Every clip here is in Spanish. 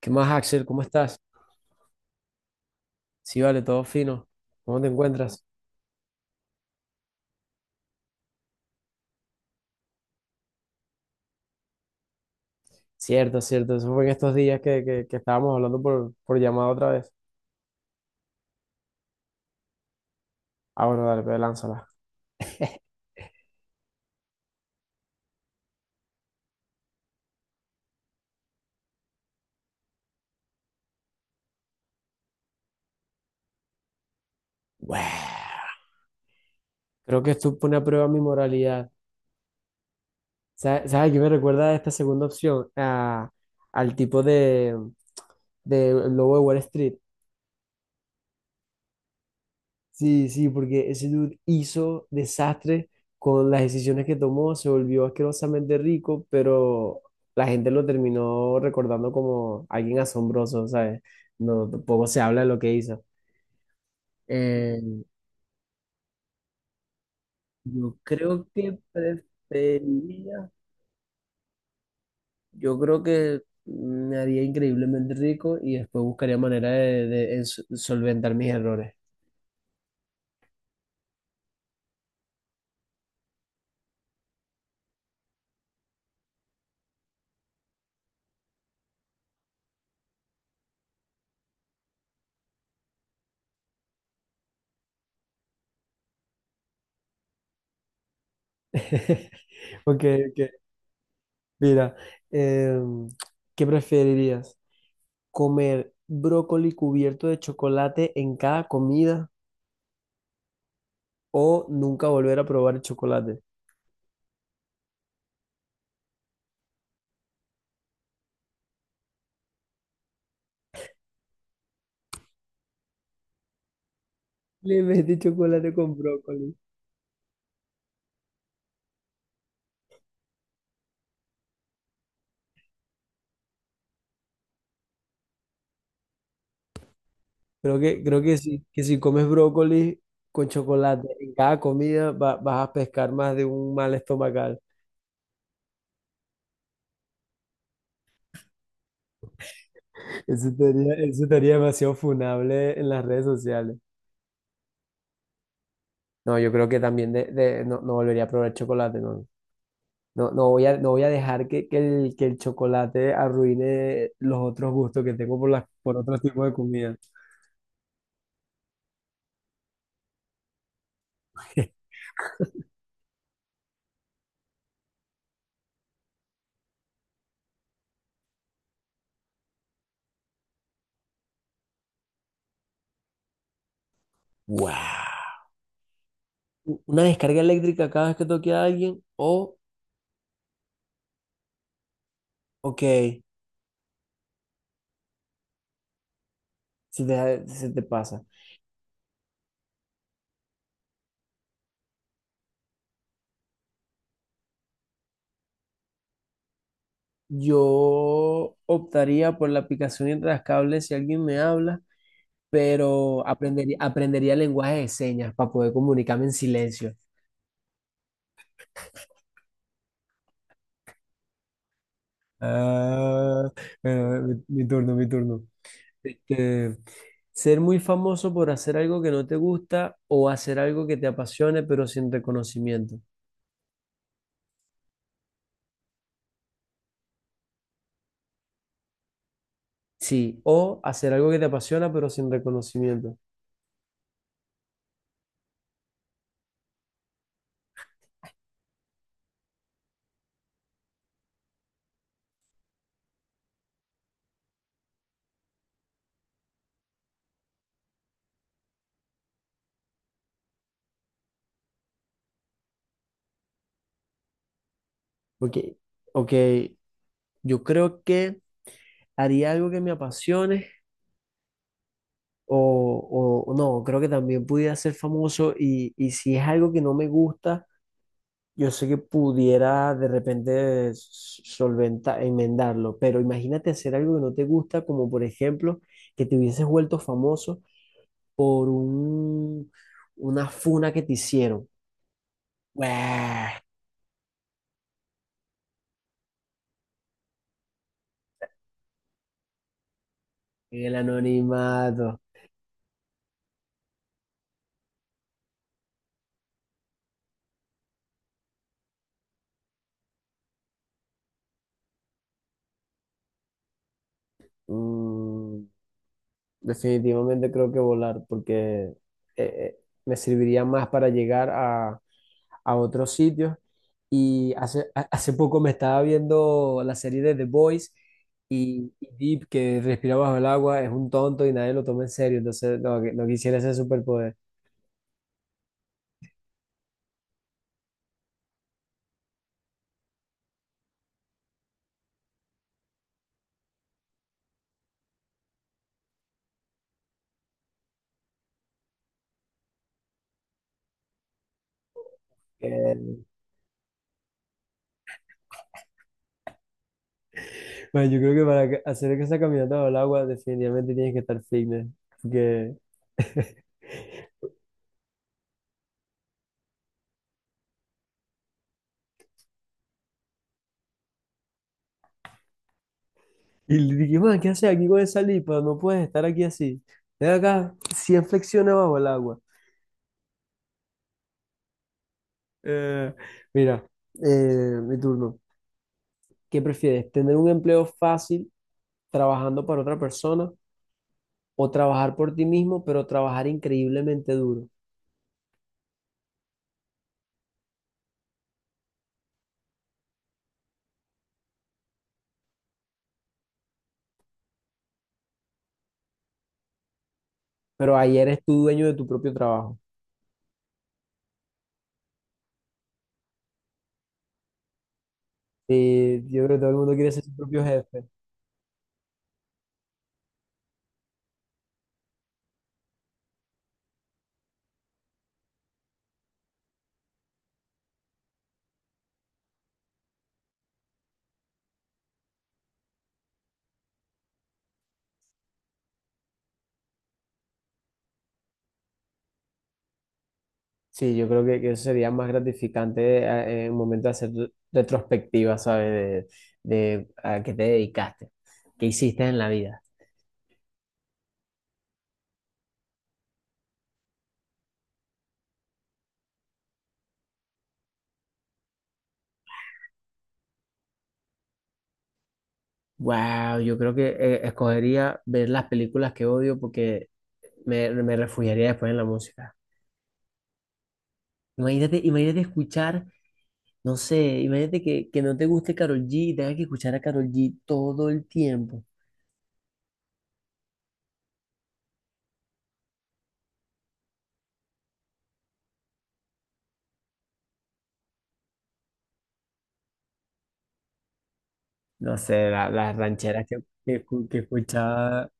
¿Qué más, Axel? ¿Cómo estás? Sí, vale, todo fino. ¿Cómo te encuentras? Cierto, cierto. Eso fue en estos días que estábamos hablando por llamada otra vez. Ah, bueno, dale, pues lánzala. Bueh. Creo que esto pone a prueba mi moralidad. ¿Sabes qué me recuerda a esta segunda opción? Al tipo de Lobo de Wall Street. Sí, sí, porque ese dude hizo desastre con las decisiones que tomó, se volvió asquerosamente rico, pero la gente lo terminó recordando como alguien asombroso, ¿sabes? No, tampoco se habla de lo que hizo. Eh, yo creo que preferiría, yo creo que me haría increíblemente rico y después buscaría manera de solventar mis errores. Ok, ok. Mira, em, ¿qué preferirías? Comer brócoli cubierto de chocolate en cada comida o nunca volver a probar el chocolate. Le mete chocolate con brócoli. Creo que sí, que si comes brócoli con chocolate en cada comida vas a pescar más de un mal estomacal. Eso estaría demasiado funable en las redes sociales. No, yo creo que también no, no volvería a probar chocolate, no. No, no voy a dejar que el chocolate arruine los otros gustos que tengo por por otro tipo de comida. Wow. Una descarga eléctrica cada vez que toque a alguien o, ok, se te pasa. Yo optaría por la aplicación intrascable si alguien me habla, pero aprendería lenguaje de señas para poder comunicarme en silencio. Ah, bueno, mi turno, mi turno. Este, ser muy famoso por hacer algo que no te gusta o hacer algo que te apasione pero sin reconocimiento. Sí, o hacer algo que te apasiona pero sin reconocimiento. Porque, ok, yo creo que haría algo que me apasione o no, creo que también pudiera ser famoso y si es algo que no me gusta, yo sé que pudiera de repente solventar, enmendarlo, pero imagínate hacer algo que no te gusta, como por ejemplo que te hubieses vuelto famoso por una funa que te hicieron. ¡Bueh! El anonimato. Mm, definitivamente creo que volar, porque eh, eh, me serviría más para llegar a otros sitios. Y hace poco me estaba viendo la serie de The Boys y Deep, que respira bajo el agua, es un tonto y nadie lo toma en serio. Entonces, no, no quisiera ese superpoder. Eh, bueno, yo creo que para hacer esa caminata bajo el agua, definitivamente tienes que estar fitness. Y le dije, man, ¿qué haces aquí con esa lipa? No puedes estar aquí así. Ven acá, 100 flexiones bajo el agua. Eh, mira, mi turno. ¿Qué prefieres? ¿Tener un empleo fácil trabajando para otra persona o trabajar por ti mismo, pero trabajar increíblemente duro? Pero ahí eres tú dueño de tu propio trabajo. Yo creo que todo el mundo quiere ser su propio jefe. Sí, yo creo que, eso sería más gratificante en un momento de hacer retrospectiva, ¿sabes? De, de a qué te dedicaste, qué hiciste en la vida. Wow, yo creo que escogería ver las películas que odio porque me refugiaría después en la música. Imagínate escuchar, no sé, imagínate que no te guste Karol G y tengas que escuchar a Karol G todo el tiempo. No sé, las rancheras que escuchaba.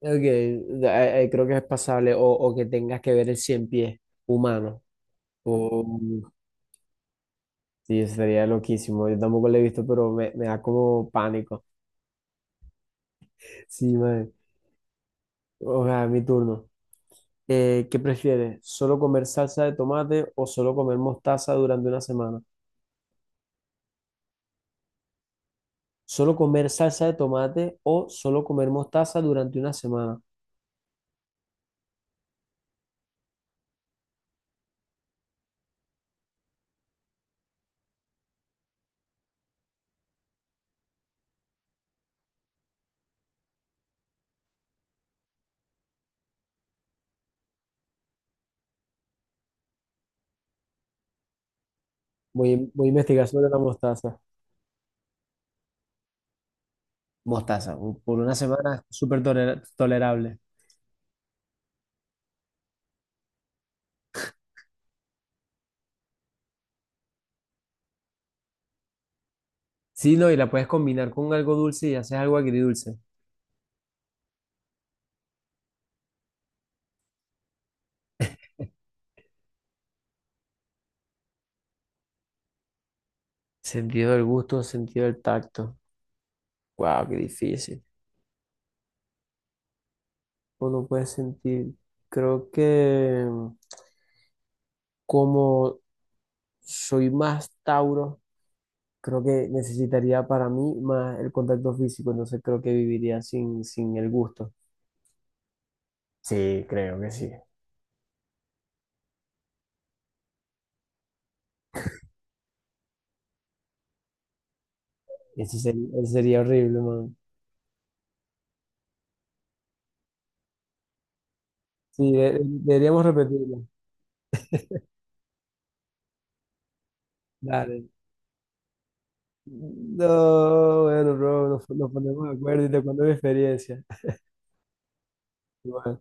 Ok, creo que es pasable o que tengas que ver el cien pies humano. O, sí, sería loquísimo. Yo tampoco lo he visto, pero me da como pánico. Sí, man. O sea, mi turno. ¿Qué prefieres? ¿Solo comer salsa de tomate o solo comer mostaza durante una semana? ¿Solo comer salsa de tomate o solo comer mostaza durante una semana? Voy a investigar sobre la mostaza. Mostaza, por una semana, súper tolerable. Sí, no, y la puedes combinar con algo dulce y haces algo agridulce. Sentido del gusto, sentido del tacto. Wow, qué difícil. Uno puede sentir, creo que como soy más Tauro, creo que necesitaría para mí más el contacto físico, entonces creo que viviría sin el gusto. Sí, creo que sí. Ese sería horrible, man. Sí, deberíamos repetirlo. Dale. No, bueno, bro, nos ponemos de acuerdo y te cuento mi experiencia. Igual.